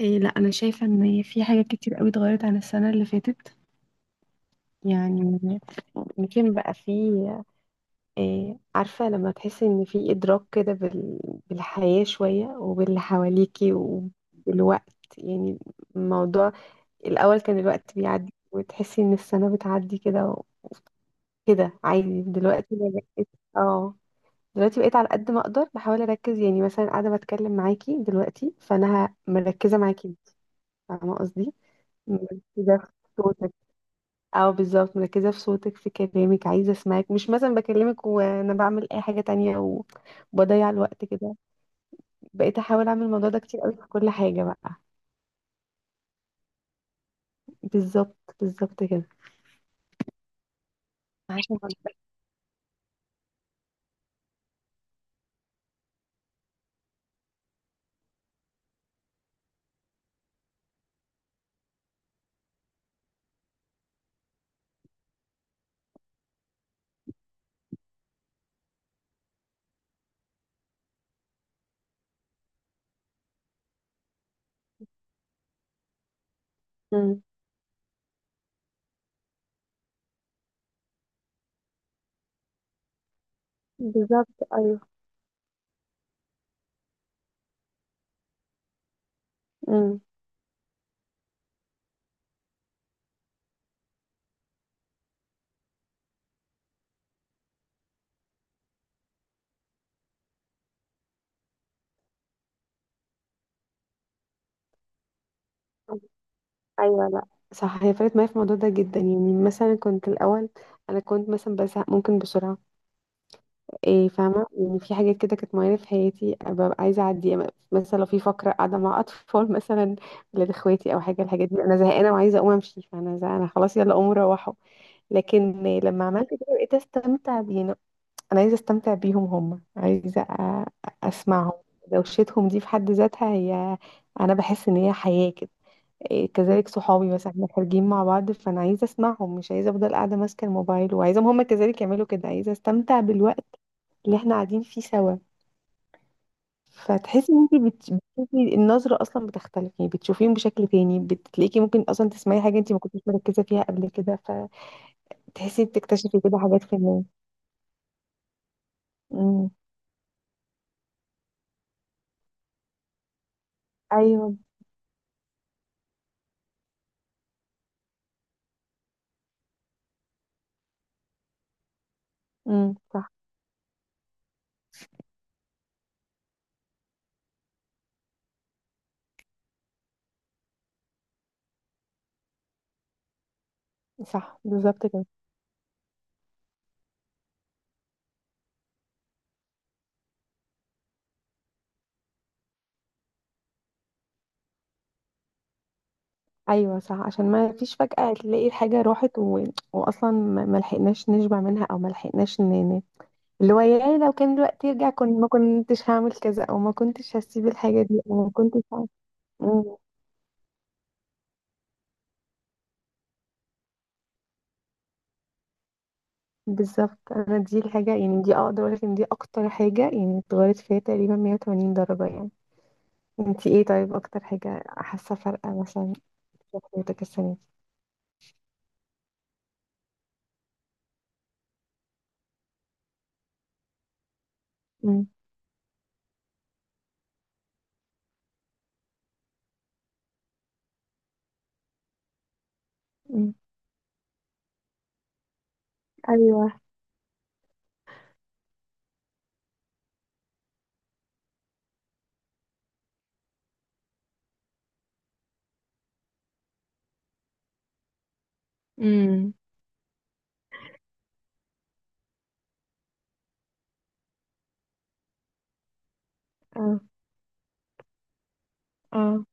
لا انا شايفه ان في حاجات كتير قوي اتغيرت عن السنه اللي فاتت. يعني يمكن بقى في، إيه عارفه، لما تحسي ان في ادراك كده بالحياه شويه وباللي حواليكي وبالوقت. يعني الموضوع الاول كان الوقت بيعدي وتحسي ان السنه بتعدي كده، كده عادي. دلوقتي أنا بقيت، اه دلوقتي بقيت على قد ما اقدر بحاول اركز. يعني مثلا قاعده بتكلم معاكي دلوقتي، فانا مركزه معاكي، فاهمه قصدي؟ مركزه في صوتك، او بالظبط مركزه في صوتك في كلامك، عايزه اسمعك، مش مثلا بكلمك وانا بعمل اي حاجه تانية وبضيع الوقت كده. بقيت احاول اعمل الموضوع ده كتير قوي في كل حاجه بقى. بالظبط، بالظبط كده. عشان، امم، بالظبط. ايوه، امم. ايوه لا، صح، هي فرقت معايا في الموضوع ده جدا. يعني مثلا كنت الاول، انا كنت مثلا بزهق ممكن بسرعه. فاهمة، يعني في حاجات كده كانت معينة في حياتي ببقى عايزة أعدي. مثلا لو في فقرة قاعدة مع أطفال مثلا، ولاد إخواتي أو حاجة، الحاجات دي أنا زهقانة وعايزة أقوم أمشي، فأنا زهقانة خلاص يلا قوموا روحوا. لكن لما عملت كده بقيت أستمتع بينا. أنا عايزة أستمتع بيهم، هم عايزة أسمعهم. دوشتهم دي في حد ذاتها هي، أنا بحس إن هي حياة كده. كذلك صحابي مثلا احنا خارجين مع بعض، فانا عايزه اسمعهم، مش عايزه افضل قاعده ماسكه الموبايل، وعايزاهم هم كذلك يعملوا كده. عايزه استمتع بالوقت اللي احنا قاعدين فيه سوا. فتحسي ان انت بتشوفي النظره اصلا بتختلف، يعني بتشوفيهم بشكل تاني، بتلاقيكي ممكن اصلا تسمعي حاجه انت ما كنتيش مركزه فيها قبل كده. فتحسي بتكتشفي كده حاجات في الناس. امم، ايوه، امم، صح، صح بالظبط كده. ايوه صح، عشان ما فيش فجأة تلاقي الحاجه راحت واصلا ما لحقناش نشبع منها، او ما لحقناش اللي هو، يا لو كان الوقت يرجع كنت ما كنتش هعمل كذا، او ما كنتش هسيب الحاجة دي، او ما كنتش هعمل. مم. بالظبط. انا دي الحاجة، يعني دي اقدر اقول لك ان دي اكتر حاجة يعني اتغيرت فيها تقريبا 180 درجة يعني. انتي ايه طيب، اكتر حاجة حاسة فرقة مثلا في حياتك السنة دي؟ مم. مم. ايوه. امم. اه. اه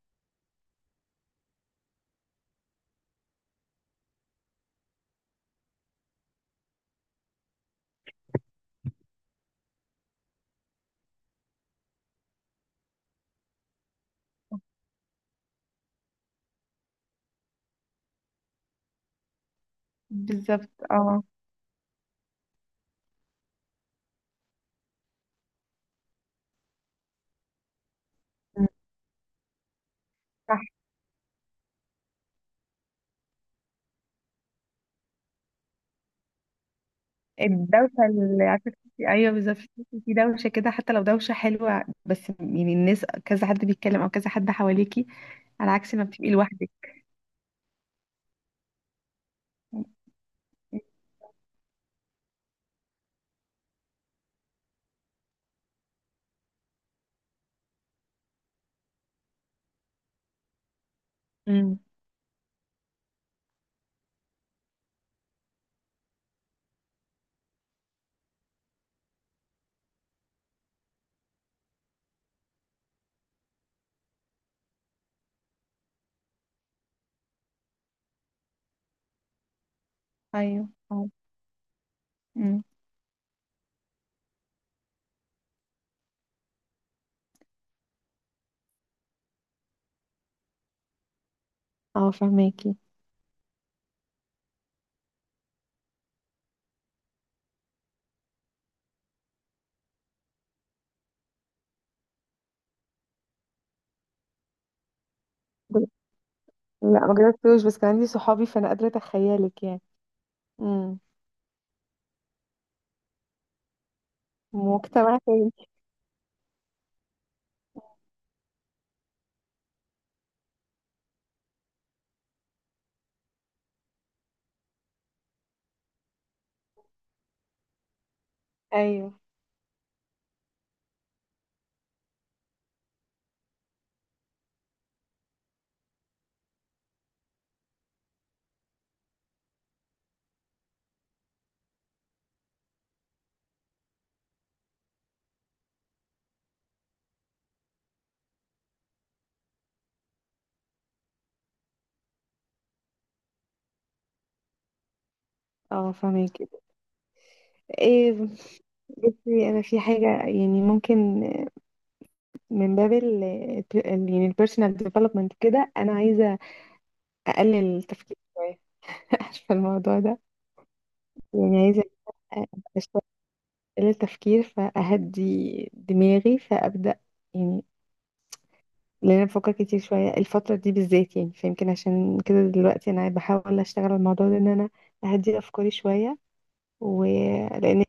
بالظبط. اه. مم. الدوشة، اللي عارفة تحسي، أيوة بالظبط، تحسي في دوشة كده، حتى لو دوشة حلوة، بس يعني الناس كذا حد بيتكلم أو كذا حد حواليكي، على عكس ما بتبقي لوحدك. امم. ايوه. اه. أمم. آه، فهماكي. بل- لا ما جربتوش، بس كان عندي صحابي فأنا قادرة أتخيلك يعني. امم. مجتمع تاني. ايوه، اه فهماكي. ايه، بصي انا في حاجه يعني ممكن، من باب يعني البيرسونال ديفلوبمنت كده، انا عايزه اقلل التفكير شويه. عارفه الموضوع ده. يعني عايزه أبقى شوية اقلل التفكير فاهدي دماغي، فابدا يعني، لان انا بفكر كتير شويه الفتره دي بالذات. يعني فيمكن عشان كده دلوقتي انا بحاول اشتغل على الموضوع ده، ان انا اهدي افكاري شويه، ولان،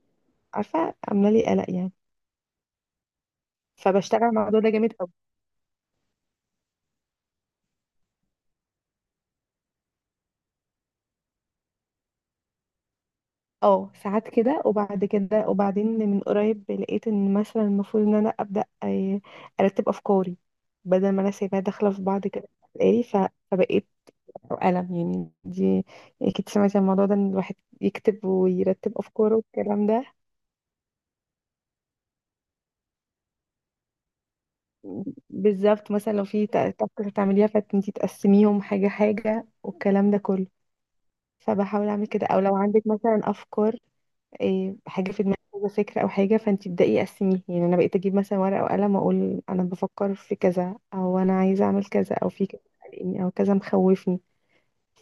عارفه، عامله لي قلق يعني. فبشتغل على الموضوع ده جامد قوي. اه ساعات كده، وبعد كده وبعدين من قريب لقيت ان مثلا المفروض ان انا ابدا، آه، ارتب افكاري بدل ما انا سايباها داخله في بعض كده. قالي ف- فبقيت قلم. يعني دي، يعني اكيد سمعتي عن الموضوع ده، ان الواحد يكتب ويرتب افكاره والكلام ده. بالظبط، مثلا لو في تاسك هتعمليها، فانتي تقسميهم حاجه حاجه والكلام ده كله. فبحاول اعمل كده. او لو عندك مثلا افكار، حاجه في دماغك كذا فكره او حاجه، فانت تبداي قسميه. يعني انا بقيت اجيب مثلا ورقه وقلم، واقول انا بفكر في كذا، او انا عايزه اعمل كذا، او في كذا قلقني، او كذا مخوفني.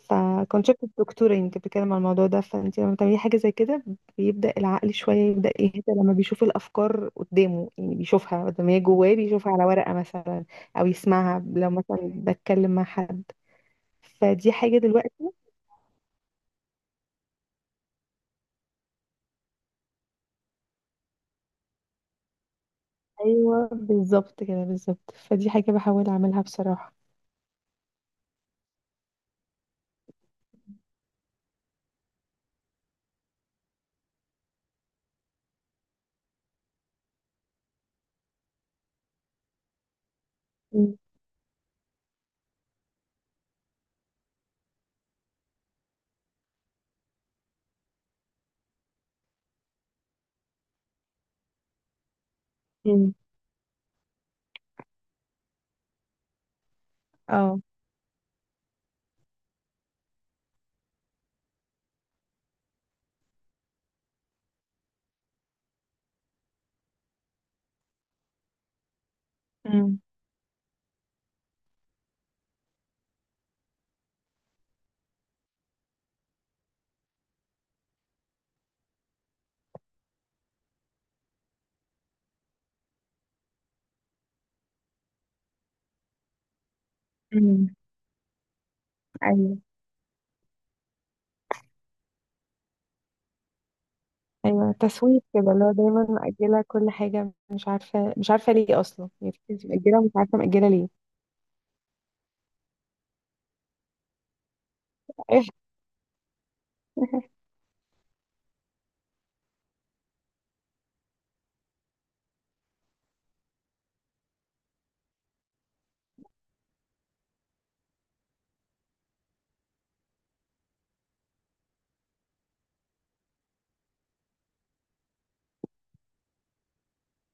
فكنت شفت الدكتوره، يعني كانت بتتكلم عن الموضوع ده. فانت لما بتعملي حاجه زي كده، بيبدا العقل شويه يبدا يهدى لما بيشوف الافكار قدامه، يعني بيشوفها بدل ما هي جواه، بيشوفها على ورقه مثلا، او يسمعها لو مثلا بتكلم مع حد. فدي حاجه دلوقتي. ايوه بالظبط كده، بالظبط. فدي حاجه بحاول اعملها بصراحه. مم. اه. امم. امم. ايوه. ايوه تسويف كده، اللي هو دايما مأجلة كل حاجة، مش عارفة، مش عارفة ليه اصلا. يعني في ناس مأجلة ومش عارفة مأجلة ليه.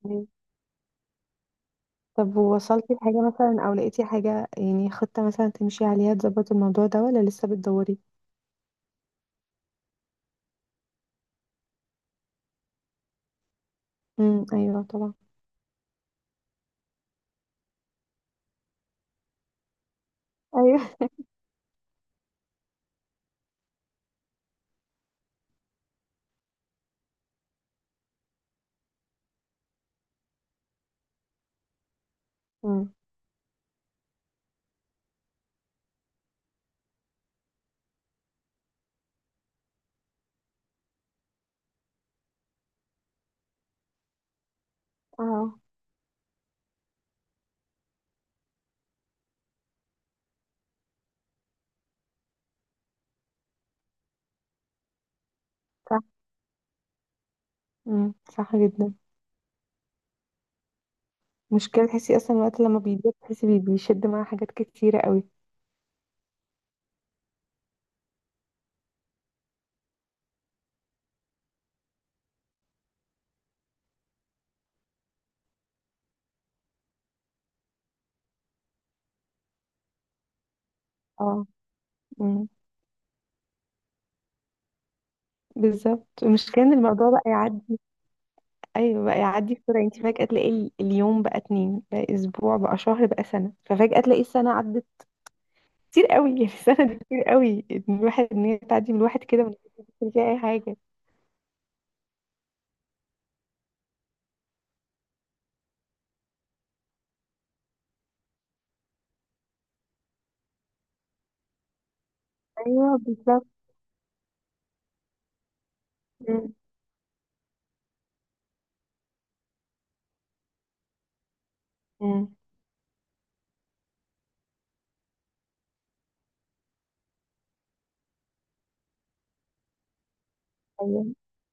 أيوة. طب ووصلتي لحاجة مثلا، او لقيتي حاجة يعني خطة مثلا تمشي عليها تظبط الموضوع ده، ولا لسه بتدوري؟ امم. ايوه طبعا. ايوه. امم. اه صح. امم، صح جدا. مشكلة، تحسي اصلا الوقت لما بيضيق تحسي بيشد معاه حاجات كتيرة قوي. اه. امم. بالظبط، المشكلة ان الموضوع بقى يعدي. ايوه، بقى يعدي بسرعه. انت فجاه تلاقي اليوم بقى اتنين، بقى اسبوع، بقى شهر، بقى سنه. ففجاه تلاقي السنه عدت كتير قوي. يعني السنه دي كتير قوي، إن الواحد، ان هي تعدي من الواحد كده من غير ما يحس إن فيها اي حاجه. ايوه بالظبط. مم. مم. ايوه.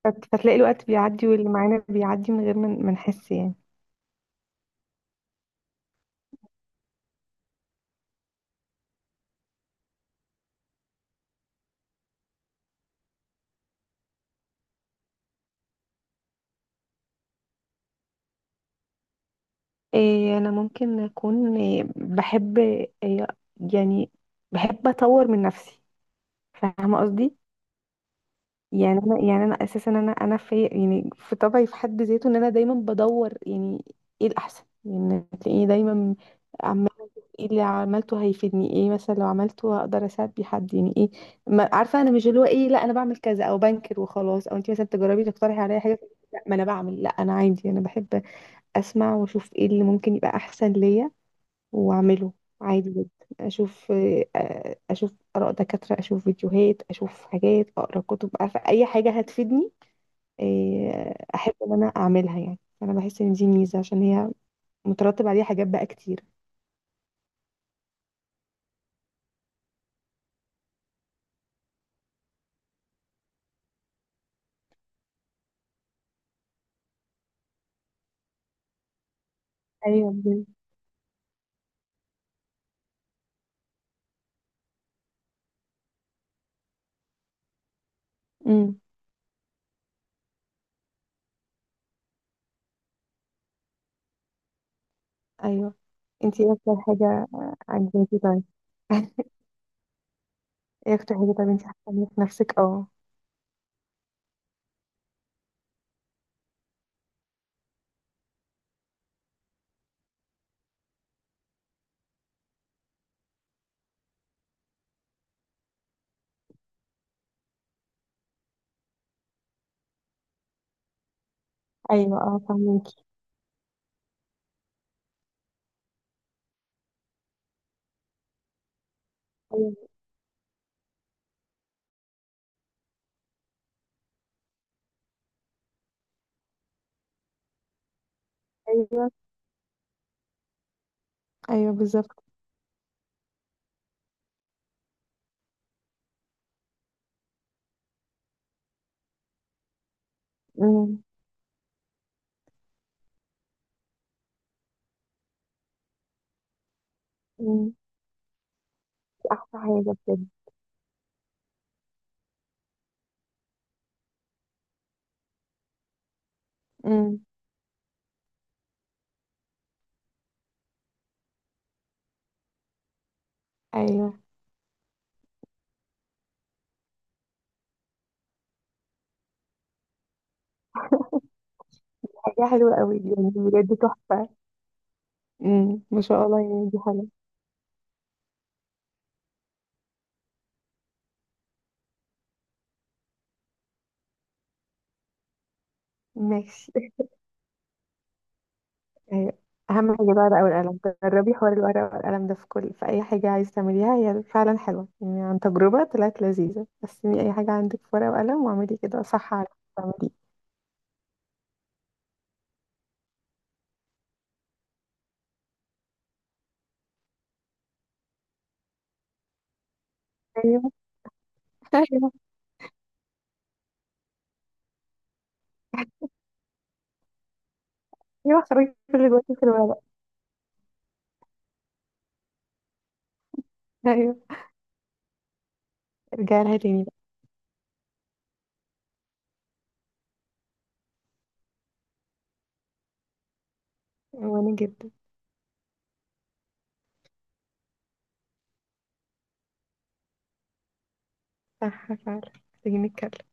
فتلاقي الوقت بيعدي واللي معانا بيعدي من غير ما نحس يعني. إيه، انا ممكن اكون، إيه، بحب، إيه، يعني بحب اطور من نفسي، فاهمه قصدي؟ يعني انا اساسا، انا في، يعني في طبعي في حد ذاته، ان انا دايما بدور يعني ايه الاحسن. يعني تلاقيني دايما عماله أشوف ايه اللي عملته هيفيدني، ايه مثلا لو عملته هقدر اساعد بيه حد، يعني ايه. ما عارفه انا مش اللي هو، ايه، لا انا بعمل كذا او بنكر وخلاص. او انت مثلا تجربي تقترحي عليا حاجه، لا، ما انا بعمل، لا انا عادي، انا بحب اسمع واشوف ايه اللي ممكن يبقى احسن ليا واعمله. عادي جدا، اشوف، آه، اشوف اراء دكاتره، اشوف فيديوهات، اشوف حاجات، اقرا كتب، عارفه اي حاجه هتفيدني، آه، احب ان انا اعملها. يعني انا بحس ان دي ميزه، عشان هي مترتب عليها حاجات بقى كتير. ايوه بجد. امم. ايوه. انتي ايه اكتر حاجه، آه، عجباكي طيب؟ ايه اكتر حاجه طيب انتي حاسه إن في نفسك؟ اه. ايوه. اه فهميكي. ايوه. ايوه. ايوه بالظبط. امم. امم. دي احلى حاجه بجد. امم. ايوه. حاجة حلوة قوي دي، يعني بجد تحفة. ما شاء الله، يعني دي حاجة. ماشي. أيوة. أهم حاجة بقى الورقة والقلم. جربي حوار الورقة والقلم ده في كل، في أي حاجة عايز تعمليها. هي فعلا حلوة يعني، عن تجربة طلعت لذيذة. قسمي أي حاجة عندك في ورقة وقلم واعملي كده صح على تعملي. أيوه. أيوه. أيوه، خرجي كل اللي جواكي في الورقة. أيوه. ارجعي لها تاني بقى. وأنا جدا. صح فعلا، محتاجين نتكلم.